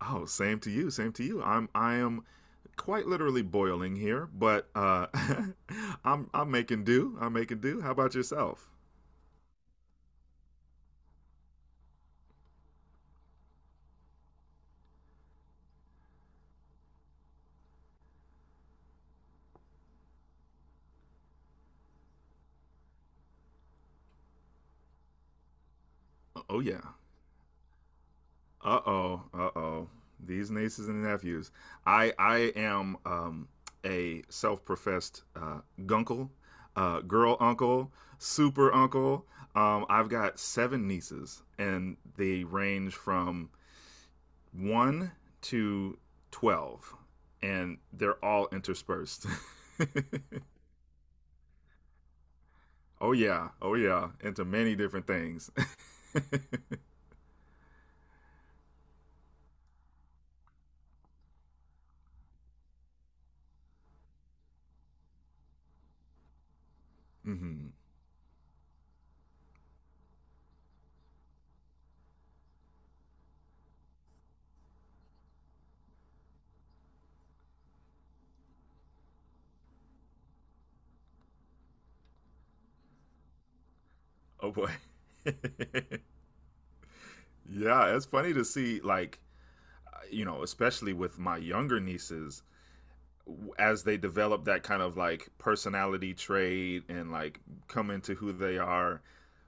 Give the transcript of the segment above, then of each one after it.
Oh, same to you. Same to you. I am quite literally boiling here, but I'm making do. I'm making do. How about yourself? Oh yeah. Uh-oh. Uh-oh. These nieces and nephews. I am a self-professed gunkle, girl uncle, super uncle. I've got seven nieces and they range from 1 to 12, and they're all interspersed. Oh, yeah. Oh, yeah. Into many different things. hmm Oh, boy. Yeah, it's funny to see, like, you know, especially with my younger nieces, as they develop that kind of like personality trait and like come into who they are,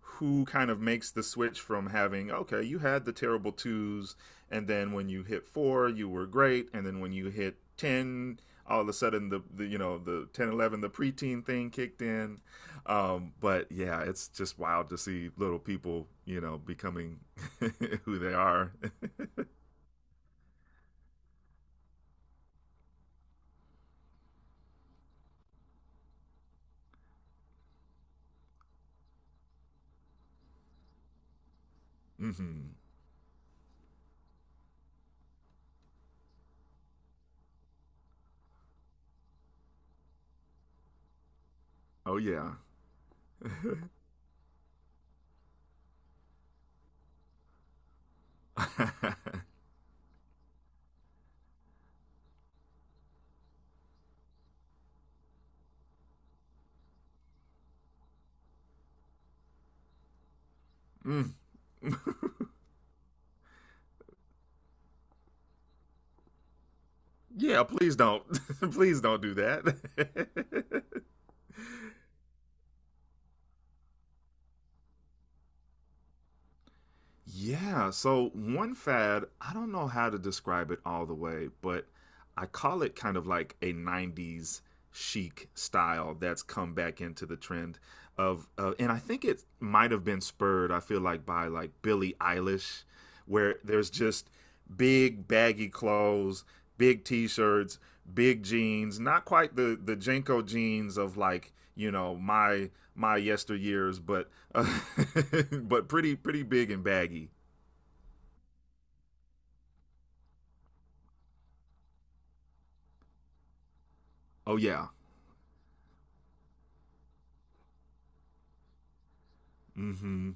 who kind of makes the switch from having, okay, you had the terrible twos, and then when you hit four you were great, and then when you hit 10 all of a sudden the you know the 10, 11, the preteen thing kicked in. But yeah, it's just wild to see little people, you know, becoming who they are. Mm-hmm. Oh yeah. Mm-hmm. Yeah, please don't. Please don't do that. Yeah, so one fad, I don't know how to describe it all the way, but I call it kind of like a 90s chic style that's come back into the trend of, and I think it might have been spurred, I feel like, by like Billie Eilish, where there's just big baggy clothes, big t-shirts, big jeans, not quite the Jenko jeans of, like, you know, my yesteryears, but uh, but pretty pretty big and baggy. Oh yeah. Mm-hmm.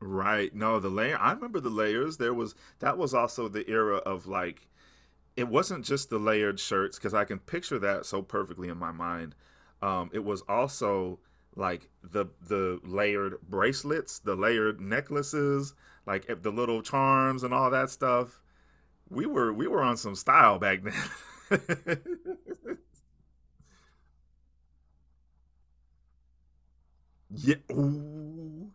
Right. No, the layer. I remember the layers. There was, that was also the era of like, it wasn't just the layered shirts, because I can picture that so perfectly in my mind. It was also like the layered bracelets, the layered necklaces, like the little charms and all that stuff. We were on some style back then. Yeah. Ooh.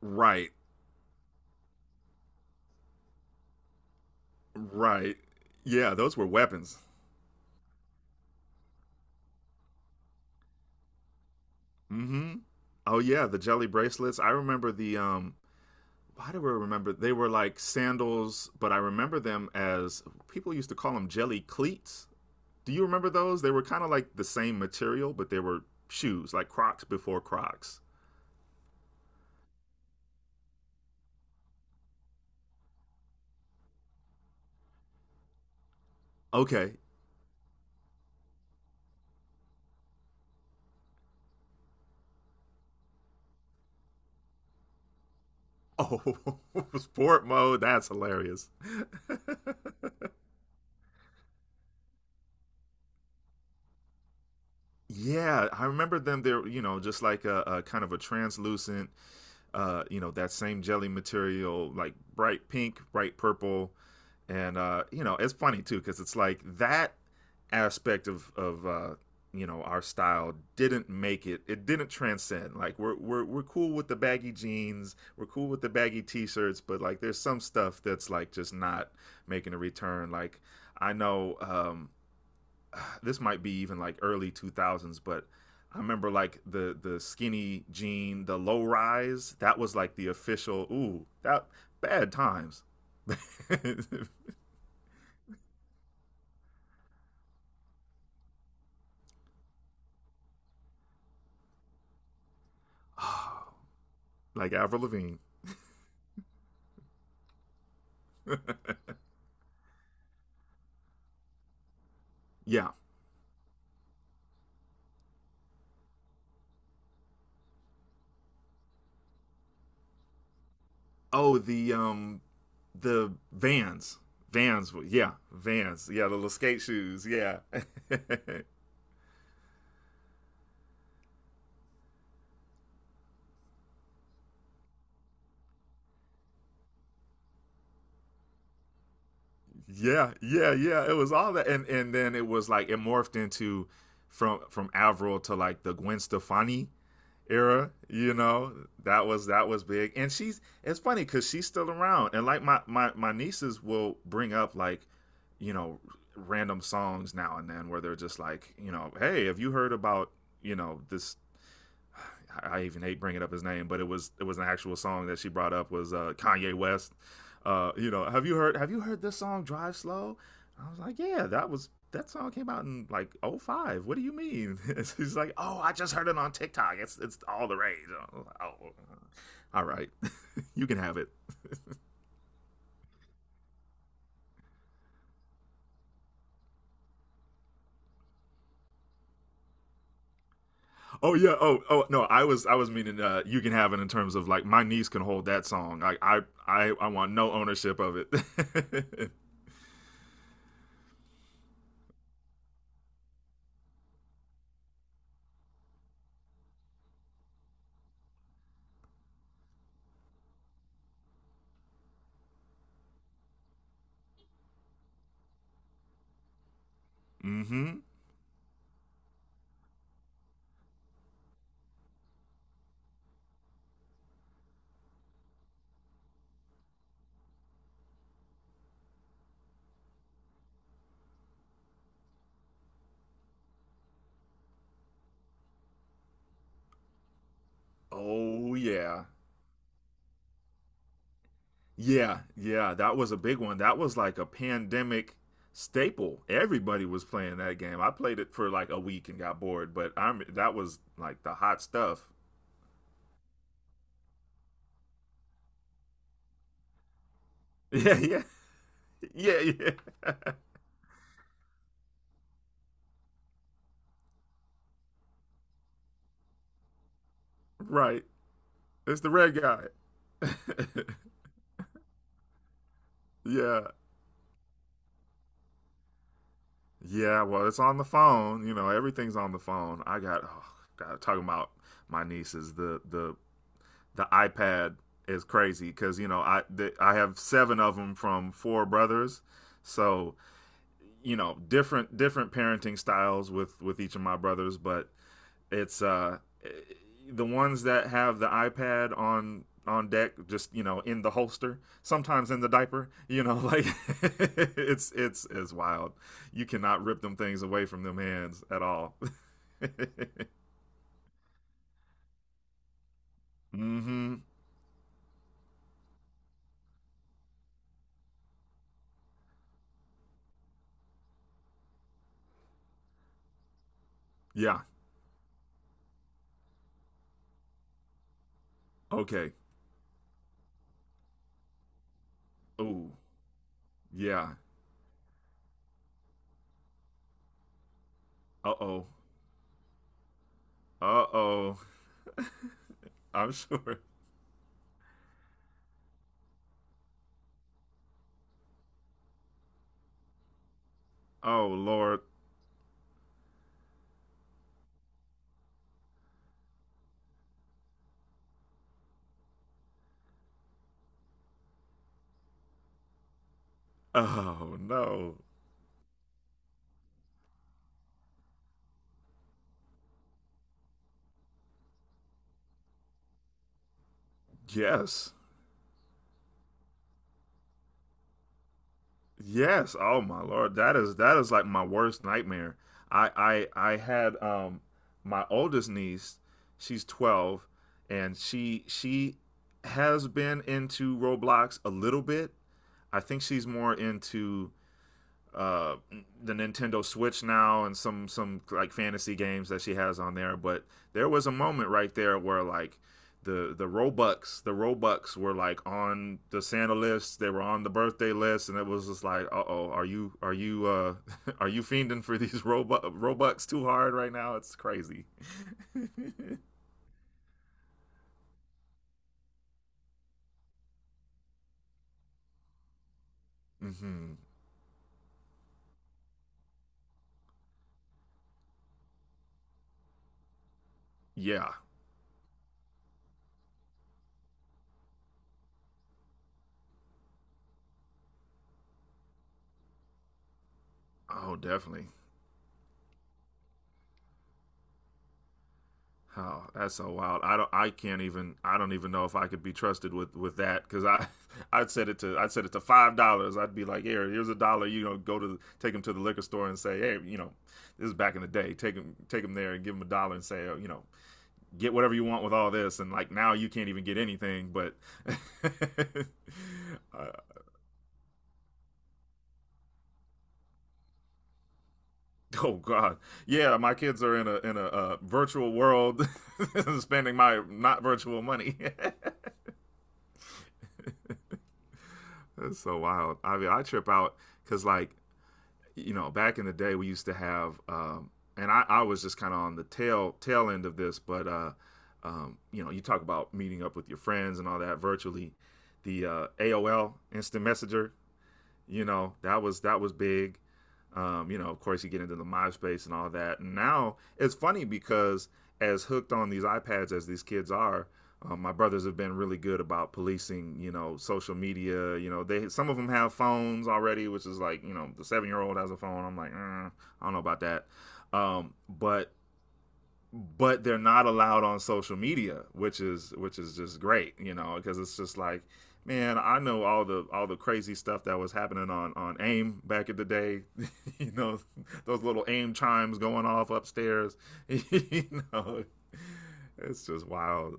Right, right. Yeah, those were weapons. Mm-hmm. Oh yeah, the jelly bracelets. I remember the why do I remember they were like sandals, but I remember them as people used to call them jelly cleats. Do you remember those? They were kind of like the same material, but they were shoes, like Crocs before Crocs. Okay. Oh, sport mode. That's hilarious. Yeah, I remember them. They're, you know, just like a kind of a translucent, you know, that same jelly material, like bright pink, bright purple, and you know, it's funny too, because it's like that aspect of you know, our style didn't make it. It didn't transcend. Like, we're cool with the baggy jeans, we're cool with the baggy t-shirts, but like, there's some stuff that's like just not making a return. Like, I know. This might be even like early 2000s, but I remember like the skinny jean, the low rise. That was like the official. Ooh, that bad times. Like Avril Lavigne. Yeah. Oh, the Vans. Vans. Yeah, Vans. Yeah, the little skate shoes. Yeah. Yeah, yeah. It was all that, and then it was like it morphed into from Avril to like the Gwen Stefani era, you know. That was that was big, and she's, it's funny because she's still around, and like my nieces will bring up like, you know, random songs now and then, where they're just like, you know, hey, have you heard about, you know, this, I even hate bringing up his name, but it was an actual song that she brought up was, Kanye West. You know, have you heard this song Drive Slow? I was like, yeah, that was, that song came out in like oh five. What do you mean? He's like, oh, I just heard it on TikTok. It's all the rage. Like, oh, uh, all right, you can have it. Oh yeah. Oh, oh no, I was meaning, you can have it in terms of like, my niece can hold that song. Like, I want no ownership of it. Mm-hmm. Oh yeah. Yeah, yeah, that was a big one. That was like a pandemic staple. Everybody was playing that game. I played it for like a week and got bored, but I'm, that was like the hot stuff. Yeah, yeah, yeah, yeah. Right. It's the red guy. Yeah, yeah. Well, it's on the phone. You know, everything's on the phone. I got, oh, God, talking about my nieces. The the iPad is crazy, because you know, I, the, I have seven of them from four brothers, so, you know, different parenting styles with each of my brothers, but it's the ones that have the iPad on deck, just, you know, in the holster, sometimes in the diaper, you know, like it's wild. You cannot rip them things away from them hands at all. Mm-hmm. Yeah. Okay. Oh yeah. Uh-oh. Uh-oh. I'm sure. Oh lord. Oh no. Yes. Yes. Oh my lord, that is, that is like my worst nightmare. I had my oldest niece. She's 12, and she has been into Roblox a little bit. I think she's more into uh the Nintendo Switch now, and some like fantasy games that she has on there, but there was a moment right there where like the Robux, the Robux were like on the Santa list, they were on the birthday list, and it was just like, uh-oh, are you are you fiending for these Robux too hard right now? It's crazy. Mhm. Yeah. Oh definitely. Oh, that's so wild. I don't. I can't even. I don't even know if I could be trusted with that, because I, I'd set it to $5. I'd be like, here, here's a dollar. You know, go to, take him to the liquor store and say, hey, you know, this is back in the day. Take him there and give him a dollar and say, oh, you know, get whatever you want with all this. And like now, you can't even get anything. But, uh, oh God, yeah, my kids are in a in a, virtual world, spending my not virtual money. That's so wild. I mean, I trip out because, like, you know, back in the day, we used to have, and I was just kind of on the tail end of this, but you know, you talk about meeting up with your friends and all that virtually. The AOL instant messenger, you know, that was, that was big. You know, of course you get into the MySpace and all that, and now it's funny because, as hooked on these iPads as these kids are, my brothers have been really good about policing, you know, social media. You know, they, some of them have phones already, which is like, you know, the 7-year old has a phone. I'm like, mm, I don't know about that. um, but but they're not allowed on social media, which is, which is just great, you know, because it's just like, man, I know all the, all the crazy stuff that was happening on AIM back in the day. You know, those little AIM chimes going off upstairs. You know, it's just wild.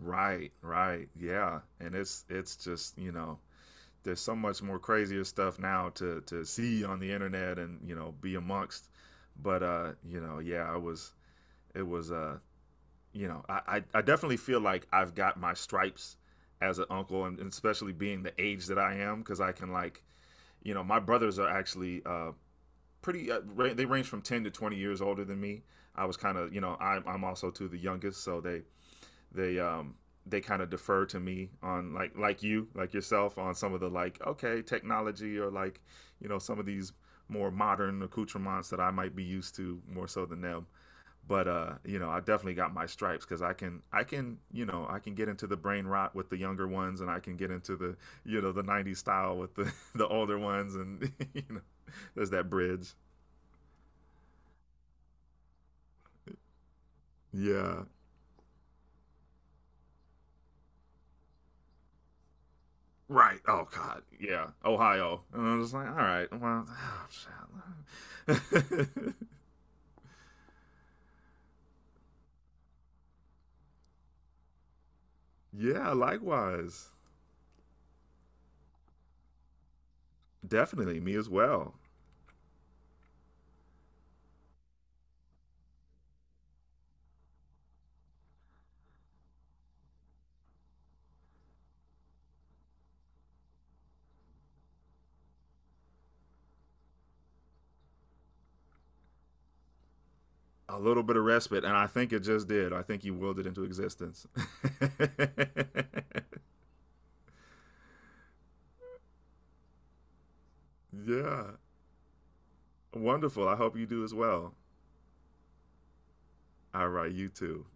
Right, right. Yeah, and it's just, you know, there's so much more crazier stuff now to see on the internet, and you know, be amongst, but you know, yeah, I was, it was you know, definitely feel like I've got my stripes as an uncle. And, especially being the age that I am, because I can like, you know, my brothers are actually, pretty. They range from 10 to 20 years older than me. I was kind of, you know, I'm also too the youngest, so they um they kind of defer to me on like you, like yourself, on some of the like, okay, technology, or like, you know, some of these more modern accoutrements that I might be used to more so than them. But you know, I definitely got my stripes because I can, you know, I can get into the brain rot with the younger ones, and I can get into the, you know, the 90s style with the the older ones. And you know, there's that bridge. Yeah, right. Oh God, yeah, Ohio. And I'm just like, all right, well, shit. Yeah, likewise. Definitely me as well. A little bit of respite, and I think it just did. I think you willed it into existence. Yeah. Wonderful. I hope you do as well. All right, you too.